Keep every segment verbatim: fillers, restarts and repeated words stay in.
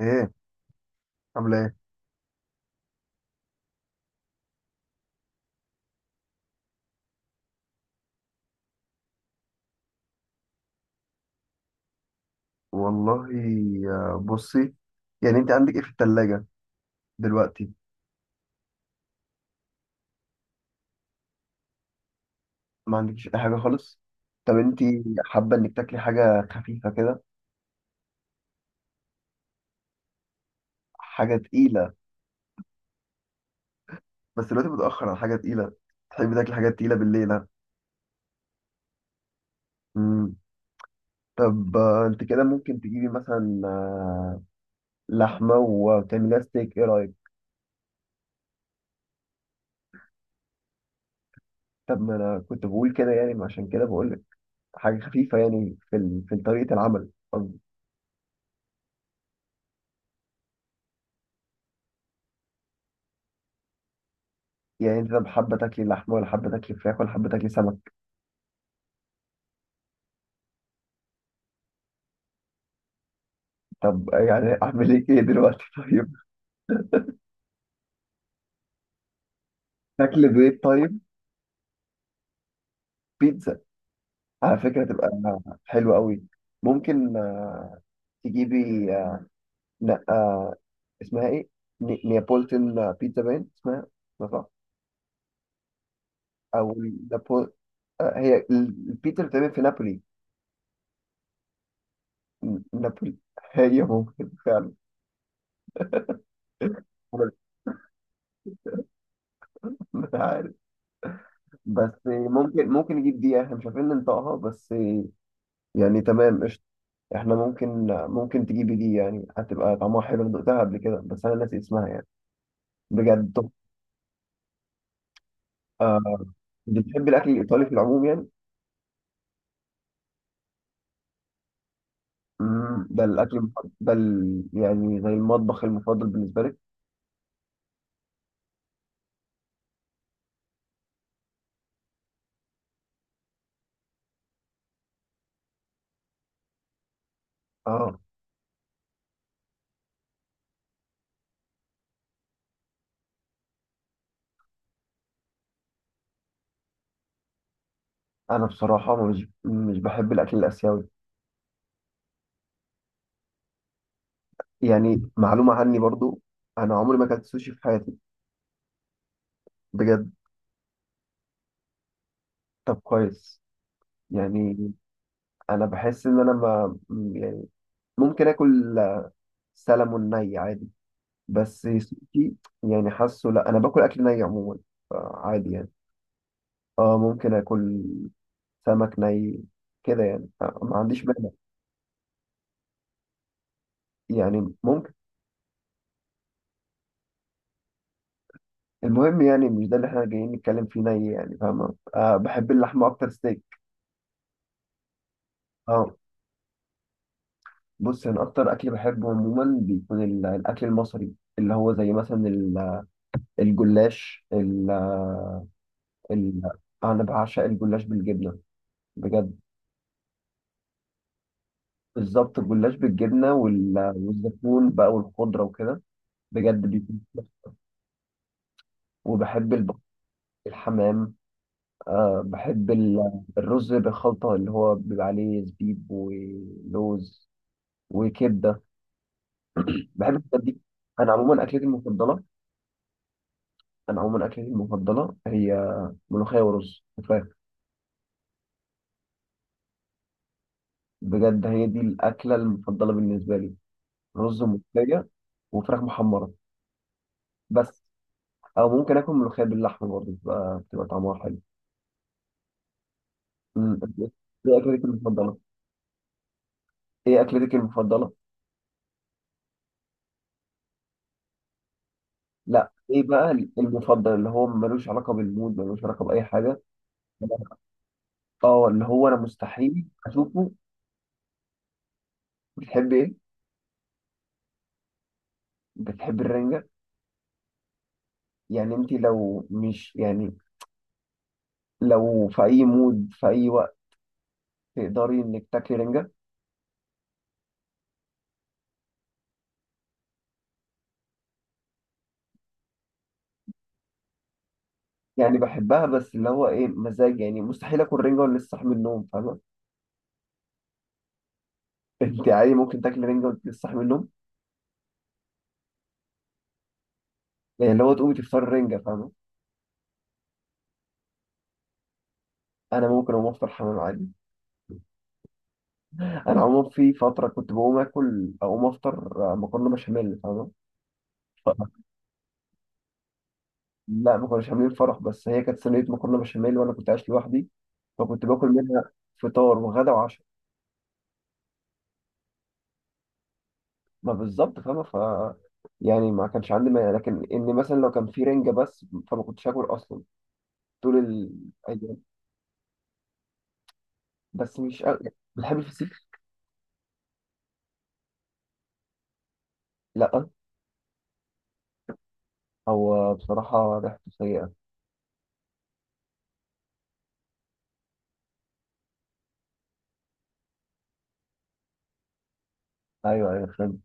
ايه. عامله ايه؟ والله، آه، بصي، يعني انت عندك ايه في التلاجة دلوقتي؟ ما عندكش اي حاجه خالص؟ طب انت حابه انك تاكلي حاجه خفيفه كده؟ حاجه تقيله؟ بس دلوقتي متاخر على حاجه تقيله. تحبي تاكلي حاجات تقيله بالليل ها؟ مم. طب آه، انت كده ممكن تجيبي مثلا آه، لحمه وتعمليها ستيك، ايه رايك؟ طب ما انا كنت بقول كده يعني، عشان كده بقول لك حاجه خفيفه، يعني في ال- في طريقه العمل قصدي. يعني انت طب حابه تاكلي لحمه ولا حابه تاكلي فراخ ولا حابه تاكلي سمك؟ طب يعني اعمل ايه كده دلوقتي طيب. اكل بيض، طيب. بيتزا على فكره تبقى حلوه قوي. ممكن آه، تجيبي آه، لا آه، اسمها ايه، ني- نيابولتن بيتزا باين اسمها، لا صح. او نابول، آه، هي ال- البيتزا اللي بتتعمل في نابولي. ن- نابولي هي ممكن فعلا. أنا مش عارف، بس ممكن ممكن نجيب دي، احنا مش عارفين ننطقها بس. يعني تمام. احنا ممكن ممكن تجيبي دي، يعني هتبقى طعمها حلو، انا دقتها قبل كده بس انا ناسي اسمها يعني. بجد تحفة. آه، بتحبي الاكل الايطالي في العموم يعني؟ مم، ده الاكل المفضل- ده ال- يعني زي المطبخ المفضل بالنسبه لك؟ اه. انا بصراحه مش مش بحب الاكل الاسيوي، يعني معلومه عني برضو. انا عمري ما اكلت سوشي في حياتي. بجد. طب كويس، يعني انا بحس ان انا ما، يعني ممكن اكل سلمون ني عادي، بس سوشي. يعني حاسه لا، انا باكل اكل ني عموما، عادي يعني. اه، ممكن اكل سمك ني كده يعني، آه، ما عنديش مانع. يعني ممكن. المهم يعني مش ده اللي احنا جايين نتكلم فيه ني، يعني فاهمة، آه بحب اللحمة اكتر، ستيك. اه، بص، انا اكتر اكل بحبه عموما بيكون ال- الاكل المصري، اللي هو زي مثلا ال- الجلاش ال ال انا بعشق الجلاش بالجبنة، بجد. بالظبط، الجلاش بالجبنة وال- والزيتون بقى والخضرة وكده، بجد بيكون حلو. وبحب البط، الحمام. أه بحب ال- الرز بالخلطة اللي هو بيبقى عليه زبيب ولوز، وكبدة، بحب الحاجات دي. أنا عموما أكلتي المفضلة أنا عموما أكلتي المفضلة هي ملوخية ورز وفراخ. بجد، هي دي الأكلة المفضلة بالنسبة لي، رز وملوخية وفراخ محمرة، بس. أو ممكن آكل ملوخية باللحمة برضه، بتبقى بتبقى طعمها حلو. أمم، إيه أكلتك المفضلة؟ إيه أكلتك المفضلة؟ لا ايه بقى المفضل، اللي هو ملوش علاقه بالمود، ملوش علاقه باي حاجه، اه، اللي هو انا مستحيل اشوفه. بتحب ايه؟ بتحب الرنجه؟ يعني انت لو مش يعني، لو في اي مود في اي وقت تقدري انك تاكلي رنجه؟ يعني بحبها بس اللي هو ايه، مزاج، يعني مستحيل اكل رنجه وانا لسه صاحي من النوم، فاهمه؟ انت عادي ممكن تاكلي رنجه وانت لسه صاحي من النوم؟ يعني اللي هو تقومي تفطري رنجه، فاهمه؟ انا ممكن اقوم افطر حمام عادي. انا عموما في فتره كنت بقوم اكل اقوم افطر آه، مكرونه بشاميل، فاهمه. لا ما كناش عاملين فرح، بس هي كانت صينية مكرونة بشاميل وأنا كنت عايش لوحدي، فكنت باكل منها فطار وغدا وعشاء. ما بالظبط فاهمة، ف يعني ما كانش عندي مانع، لكن إن مثلا لو كان في رنجة بس، فما كنتش آكل أصلا طول الأيام. بس مش. أ... بتحب الفسيخ؟ لأ، هو بصراحة ريحته سيئة. أيوه، أيوه، فاهم.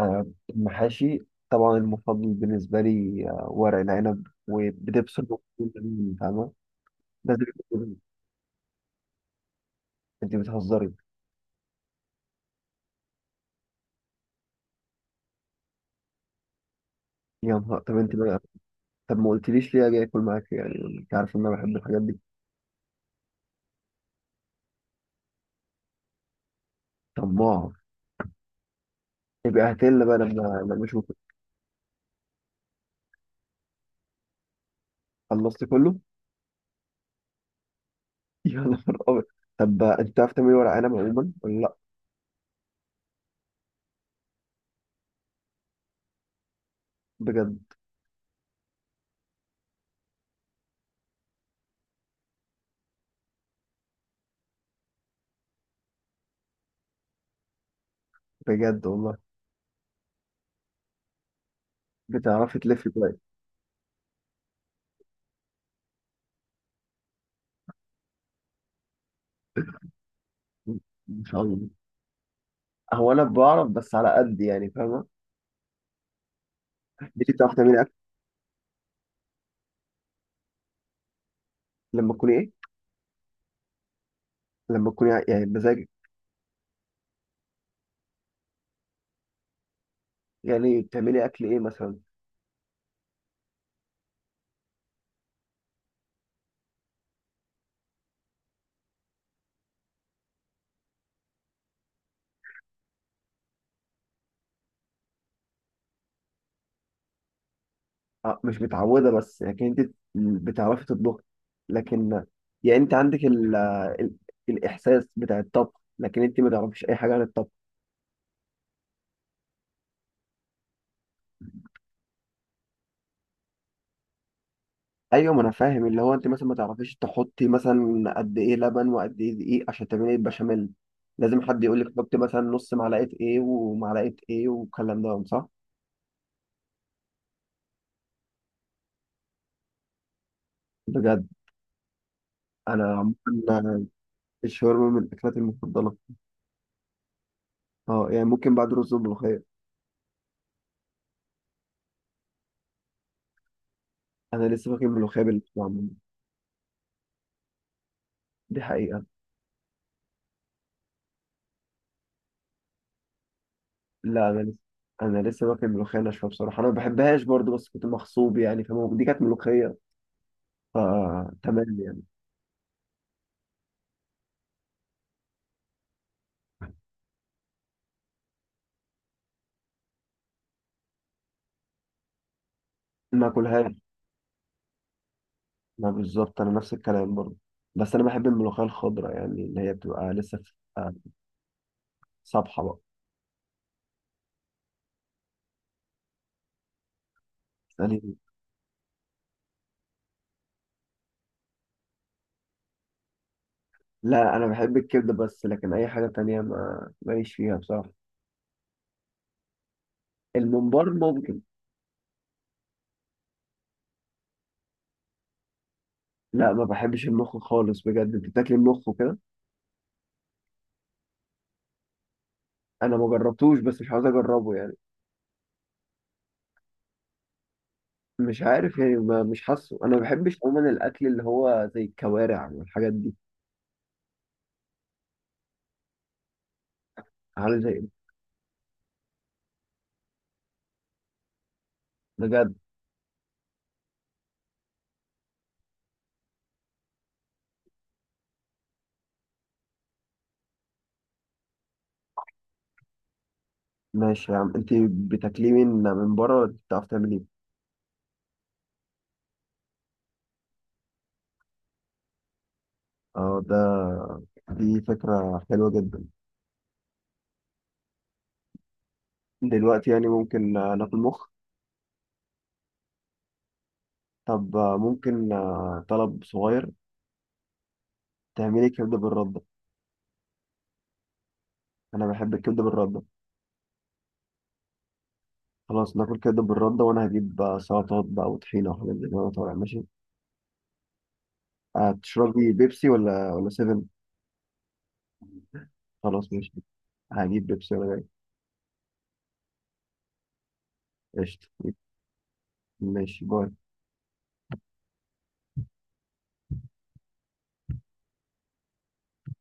أنا المحاشي طبعا المفضل بالنسبة لي آه، ورق العنب، وبدبس البقول، فاهمة، ده زي الفل. أنت بتهزري؟ يا نهار، طب أنت، طب ما قلتليش ليه اجي اكل معاك، يعني انت عارف ان انا بحب الحاجات دي. طماع، يبقى هاتلنا بقى لما لما اشوفك. خلصت كله؟ يا نهار ابيض. طب انت بتعرف تعمل ورق عنب عموما ولا لا؟ بجد؟ بجد والله. بتعرفي تلفي كويس، ما شاء الله. هو انا بعرف بس على قد، يعني فاهمه. انت بتعرفي تعملي اكل؟ لما تكوني ايه؟ لما تكوني يعني بمزاجك؟ يعني بتعملي اكل ايه مثلا؟ آه، مش متعودة بس، لكن انت بتعرفي تطبخي، لكن يعني انت عندك ال... ال... الإحساس بتاع الطبخ، لكن انت ما تعرفيش أي حاجة عن الطبخ. أيوة، ما أنا فاهم، اللي هو انت مثلا ما تعرفيش تحطي مثلا قد إيه لبن وقد إيه دقيق عشان تعملي البشاميل، لازم حد يقول لك حطي مثلا نص معلقة إيه ومعلقة إيه والكلام ده، صح؟ بجد؟ أنا عموما الشاورما من الأكلات المفضلة. اه، يعني ممكن بعد رز وملوخية. أنا لسه فاكر الملوخية باللحمة عموما. دي حقيقة. لا، انا لسه انا لسه واكل ملوخيه ناشفه بصراحه، انا ما بحبهاش برضو، بس كنت مغصوب يعني، فاهم، دي كانت ملوخيه فتمام يعني. ما اكلهاش. ما بالظبط، انا نفس الكلام برضو. بس انا بحب الملوخيه الخضراء، يعني اللي هي بتبقى لسه في، آه، صبحه بقى. يعني لا، انا بحب الكبده بس، لكن اي حاجه تانية ما ماليش فيها بصراحه. الممبار ممكن. لا، ما بحبش المخ خالص، بجد انت بتاكل المخ وكده؟ انا ما جربتوش، بس مش عاوز اجربه يعني. مش عارف يعني، ما مش حاسه، انا ما بحبش عموما الاكل اللي هو زي الكوارع والحاجات دي. عامل زي إيه؟ بجد؟ ماشي يا عم، انت بتاكليه من من بره ولا بتعرف تعمليه؟ اه، ده، دي فكرة حلوة جدا. دلوقتي يعني ممكن آه، ناكل مخ. طب آه، ممكن آه، طلب صغير، تعملي كبدة بالردة؟ انا بحب الكبدة بالردة. خلاص، ناكل كبدة بالردة، وانا هجيب آه، سلطات بقى وطحينة وحاجات زي كده وأنا طالع، ماشي. هتشربي بيبسي ولا ولا سيفن؟ خلاص ماشي. هجيب بيبسي ولا قشطة؟ ماشي باي.